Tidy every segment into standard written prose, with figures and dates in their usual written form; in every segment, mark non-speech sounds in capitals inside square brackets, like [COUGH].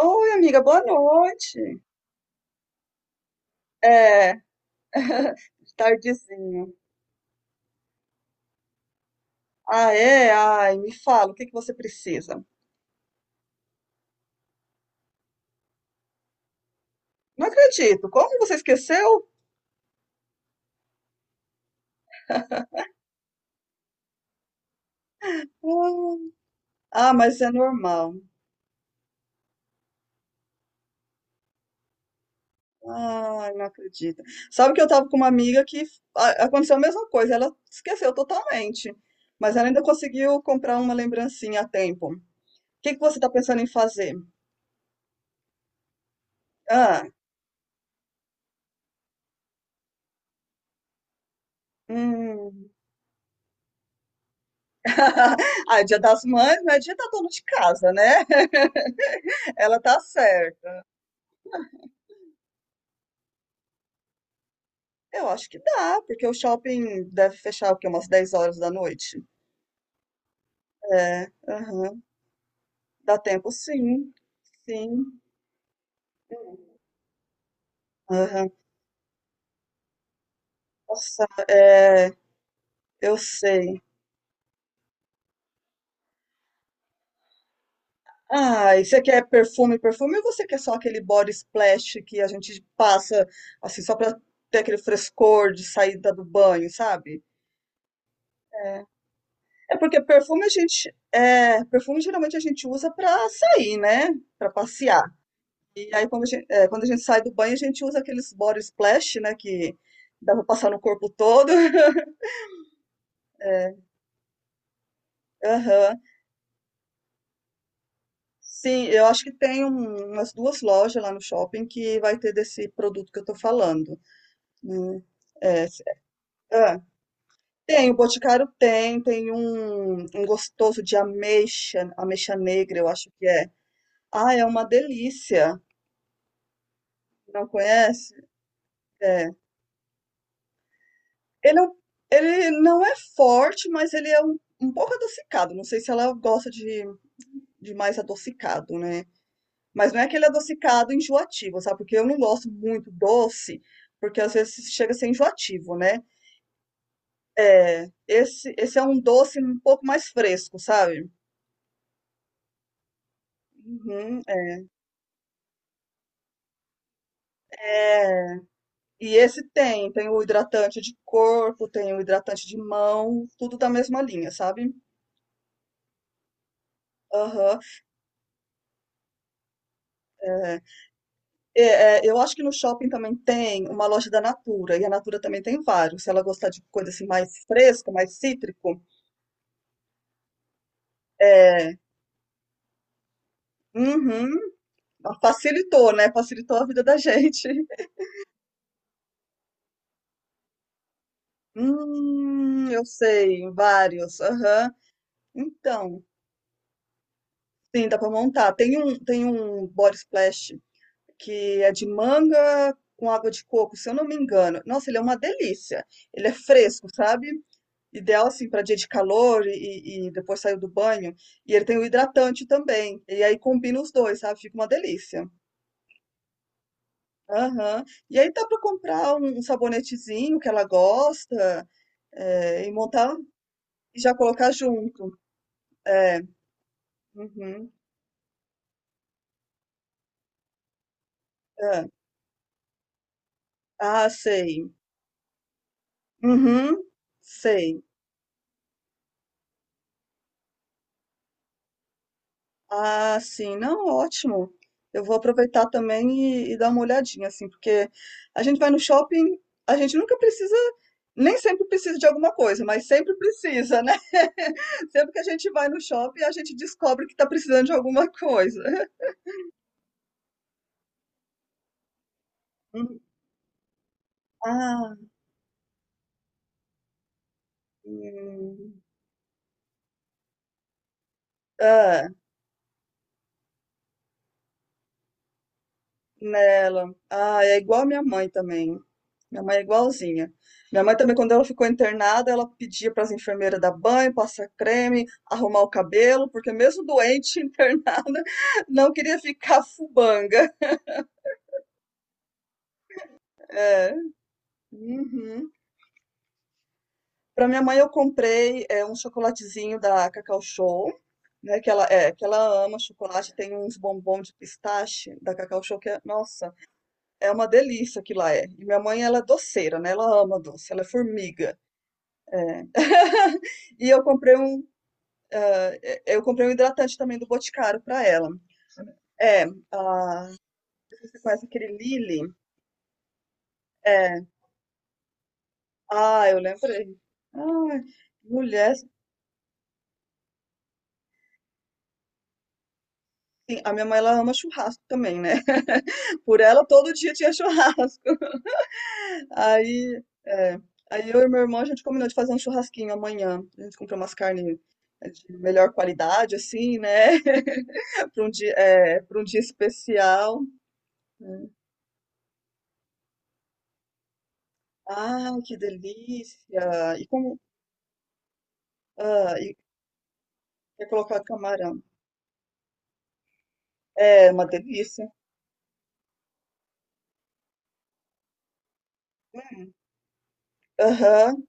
Oi, amiga, boa noite. É, [LAUGHS] tardezinho. Ah, é? Ai, me fala, o que que você precisa? Não acredito. Como você esqueceu? Hum. Ah, mas é normal. Ai, não acredito. Sabe que eu tava com uma amiga que aconteceu a mesma coisa, ela esqueceu totalmente, mas ela ainda conseguiu comprar uma lembrancinha a tempo. O que que você tá pensando em fazer? Ah, hum. [LAUGHS] Ah, é Dia das Mães, não é dia da dona de casa, né? [LAUGHS] Ela tá certa. Eu acho que dá, porque o shopping deve fechar o quê? Umas 10 horas da noite. É, aham. Dá tempo sim. Sim. Aham. Nossa, é, eu sei. Ah, e você quer perfume, perfume, ou você quer só aquele body splash que a gente passa assim só pra ter aquele frescor de saída do banho, sabe? É porque perfume a gente, é, perfume geralmente a gente usa pra sair, né? Pra passear. E aí, quando a gente, é, quando a gente sai do banho, a gente usa aqueles body splash, né? Que dá pra passar no corpo todo. [LAUGHS] Aham. Sim, eu acho que tem umas duas lojas lá no shopping que vai ter desse produto que eu tô falando. Hum, é, ah, tem, o Boticário tem, tem um, um gostoso de ameixa, ameixa negra, eu acho que é. Ah, é uma delícia. Não conhece? É. Ele, ele não é forte, mas ele é um, um pouco adocicado. Não sei se ela gosta de mais adocicado, né? Mas não é aquele adocicado enjoativo, sabe? Porque eu não gosto muito doce, porque às vezes chega a ser enjoativo, né? É, esse é um doce um pouco mais fresco, sabe? Uhum, é. É, e esse tem, tem o hidratante de corpo, tem o hidratante de mão, tudo da mesma linha, sabe? Aham, é. É, é, eu acho que no shopping também tem uma loja da Natura, e a Natura também tem vários. Se ela gostar de coisa assim mais fresca, mais cítrico, é, uhum. Facilitou, né, facilitou a vida da [LAUGHS] gente. Eu sei, vários. Aham. Então, sim, dá para montar. Tem um body splash que é de manga com água de coco, se eu não me engano. Nossa, ele é uma delícia. Ele é fresco, sabe? Ideal assim para dia de calor e depois saiu do banho. E ele tem o hidratante também. E aí combina os dois, sabe? Fica uma delícia. Aham. E aí dá para comprar um, um sabonetezinho que ela gosta. É, e montar e já colocar junto. É, uhum, é. Ah, sei. Uhum, sei. Ah, sim. Não, ótimo. Eu vou aproveitar também e dar uma olhadinha, assim, porque a gente vai no shopping, a gente nunca precisa, nem sempre precisa de alguma coisa, mas sempre precisa, né? [LAUGHS] Sempre que a gente vai no shopping, a gente descobre que está precisando de alguma coisa. [LAUGHS] Hum, ah, hum, nela. Ah, é igual a minha mãe também. Minha mãe é igualzinha. Minha mãe também, quando ela ficou internada, ela pedia para as enfermeiras dar banho, passar creme, arrumar o cabelo, porque mesmo doente, [LAUGHS] internada, não queria ficar fubanga. Uhum. Para minha mãe, eu comprei é, um chocolatezinho da Cacau Show, né? Que ela, é, que ela ama chocolate. Tem uns bombom de pistache da Cacau Show que é, nossa, é uma delícia que lá é. E minha mãe, ela é doceira, né? Ela ama doce, ela é formiga. [LAUGHS] E eu comprei um, eu comprei um hidratante também do Boticário pra ela. É, ah, você conhece aquele Lily? É. Ah, eu lembrei. Ai, mulher, sim, a minha mãe ela ama churrasco também, né? [LAUGHS] Por ela todo dia tinha churrasco. [LAUGHS] Aí, é, aí eu e meu irmão a gente combinou de fazer um churrasquinho amanhã. A gente comprou umas carnes é, de melhor qualidade, assim, né? [LAUGHS] Para um dia, é, para um dia especial. Né? Ah, que delícia! E como, ah, quer colocar camarão. É uma delícia. Aham.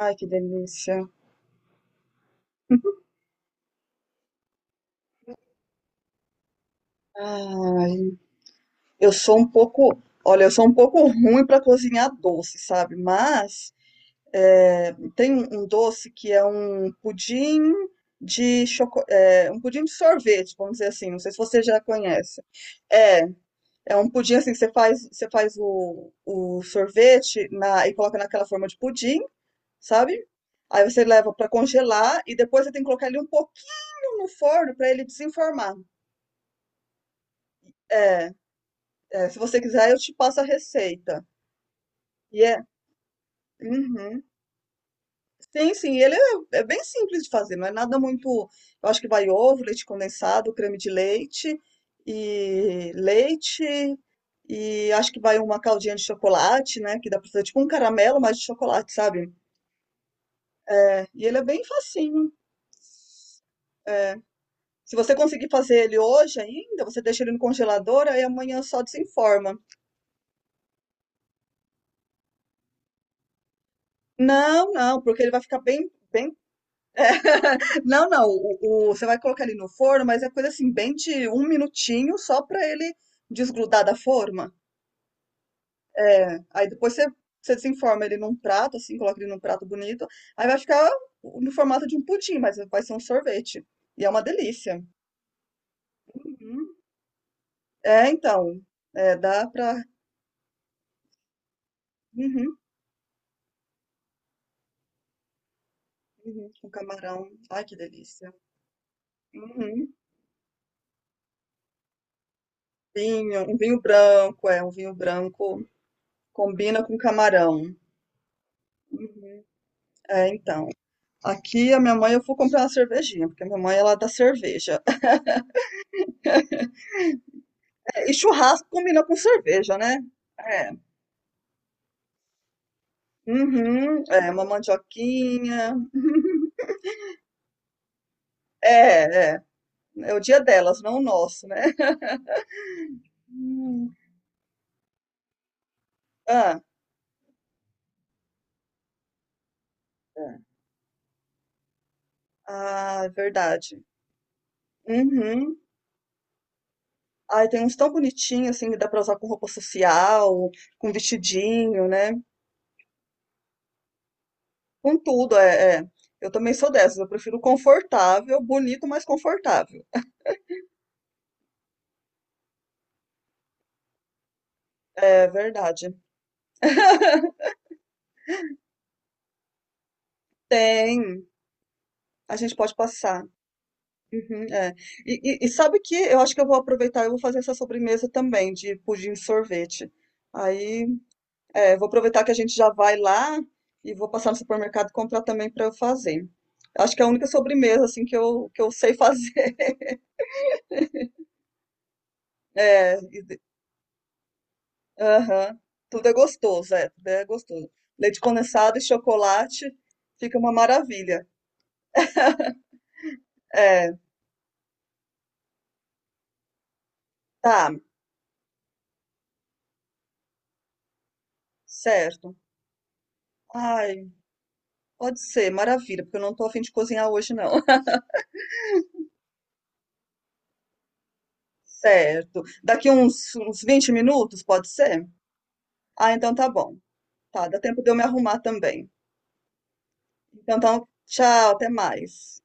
Ai, que delícia. Ai, eu sou um pouco, olha, eu sou um pouco ruim para cozinhar doce, sabe? Mas é, tem um um doce que é um pudim de choco, é, um pudim de sorvete, vamos dizer assim. Não sei se você já conhece. É, é um pudim assim que você faz o sorvete na, e coloca naquela forma de pudim, sabe? Aí você leva para congelar e depois você tem que colocar ele um pouquinho no forno para ele desenformar. É, é, se você quiser, eu te passo a receita. E é. Uhum. Sim, sim, ele é, é bem simples de fazer, não é nada muito. Eu acho que vai ovo, leite condensado, creme de leite e leite. E acho que vai uma caldinha de chocolate, né? Que dá pra fazer tipo um caramelo, mas de chocolate, sabe? É, e ele é bem facinho. Se você conseguir fazer ele hoje ainda, você deixa ele no congelador, aí amanhã só desenforma. Não, não, porque ele vai ficar bem, bem [LAUGHS] Não, não. Você vai colocar ele no forno, mas é coisa assim, bem de um minutinho só pra ele desgrudar da forma. É, aí depois você, você desenforma ele num prato, assim, coloca ele num prato bonito. Aí vai ficar no formato de um pudim, mas vai ser um sorvete. E é uma delícia. Uhum. É, então. É, dá pra. Uhum, uhum, com camarão. Ai, que delícia. Uhum. Vinho, um vinho branco, é, um vinho branco combina com camarão. Uhum. É, então. Aqui a minha mãe eu fui comprar uma cervejinha, porque a minha mãe ela dá cerveja. É, e churrasco combina com cerveja, né? É. Uhum, é, uma mandioquinha. É, é. É o dia delas, não o nosso, né? Hum. Ah, é. Ah, é verdade. Uhum. Ai, tem uns tão bonitinhos, assim, que dá pra usar com roupa social, com vestidinho, né? Com tudo, é, é. Eu também sou dessas, eu prefiro confortável, bonito, mas confortável. É verdade. [LAUGHS] Tem, a gente pode passar. Uhum, é. E sabe que eu acho que eu vou aproveitar, eu vou fazer essa sobremesa também de pudim de sorvete. Aí, é, vou aproveitar que a gente já vai lá e vou passar no supermercado e comprar também para eu fazer. Acho que é a única sobremesa assim que eu sei fazer. [LAUGHS] É, e aham. Tudo é gostoso, é, tudo é gostoso. Leite condensado e chocolate fica uma maravilha. É, tá, certo. Ai, pode ser, maravilha, porque eu não tô a fim de cozinhar hoje, não. Certo. Daqui uns, uns 20 minutos, pode ser? Ah, então tá bom. Tá, dá tempo de eu me arrumar também. Então, tá, tchau, até mais.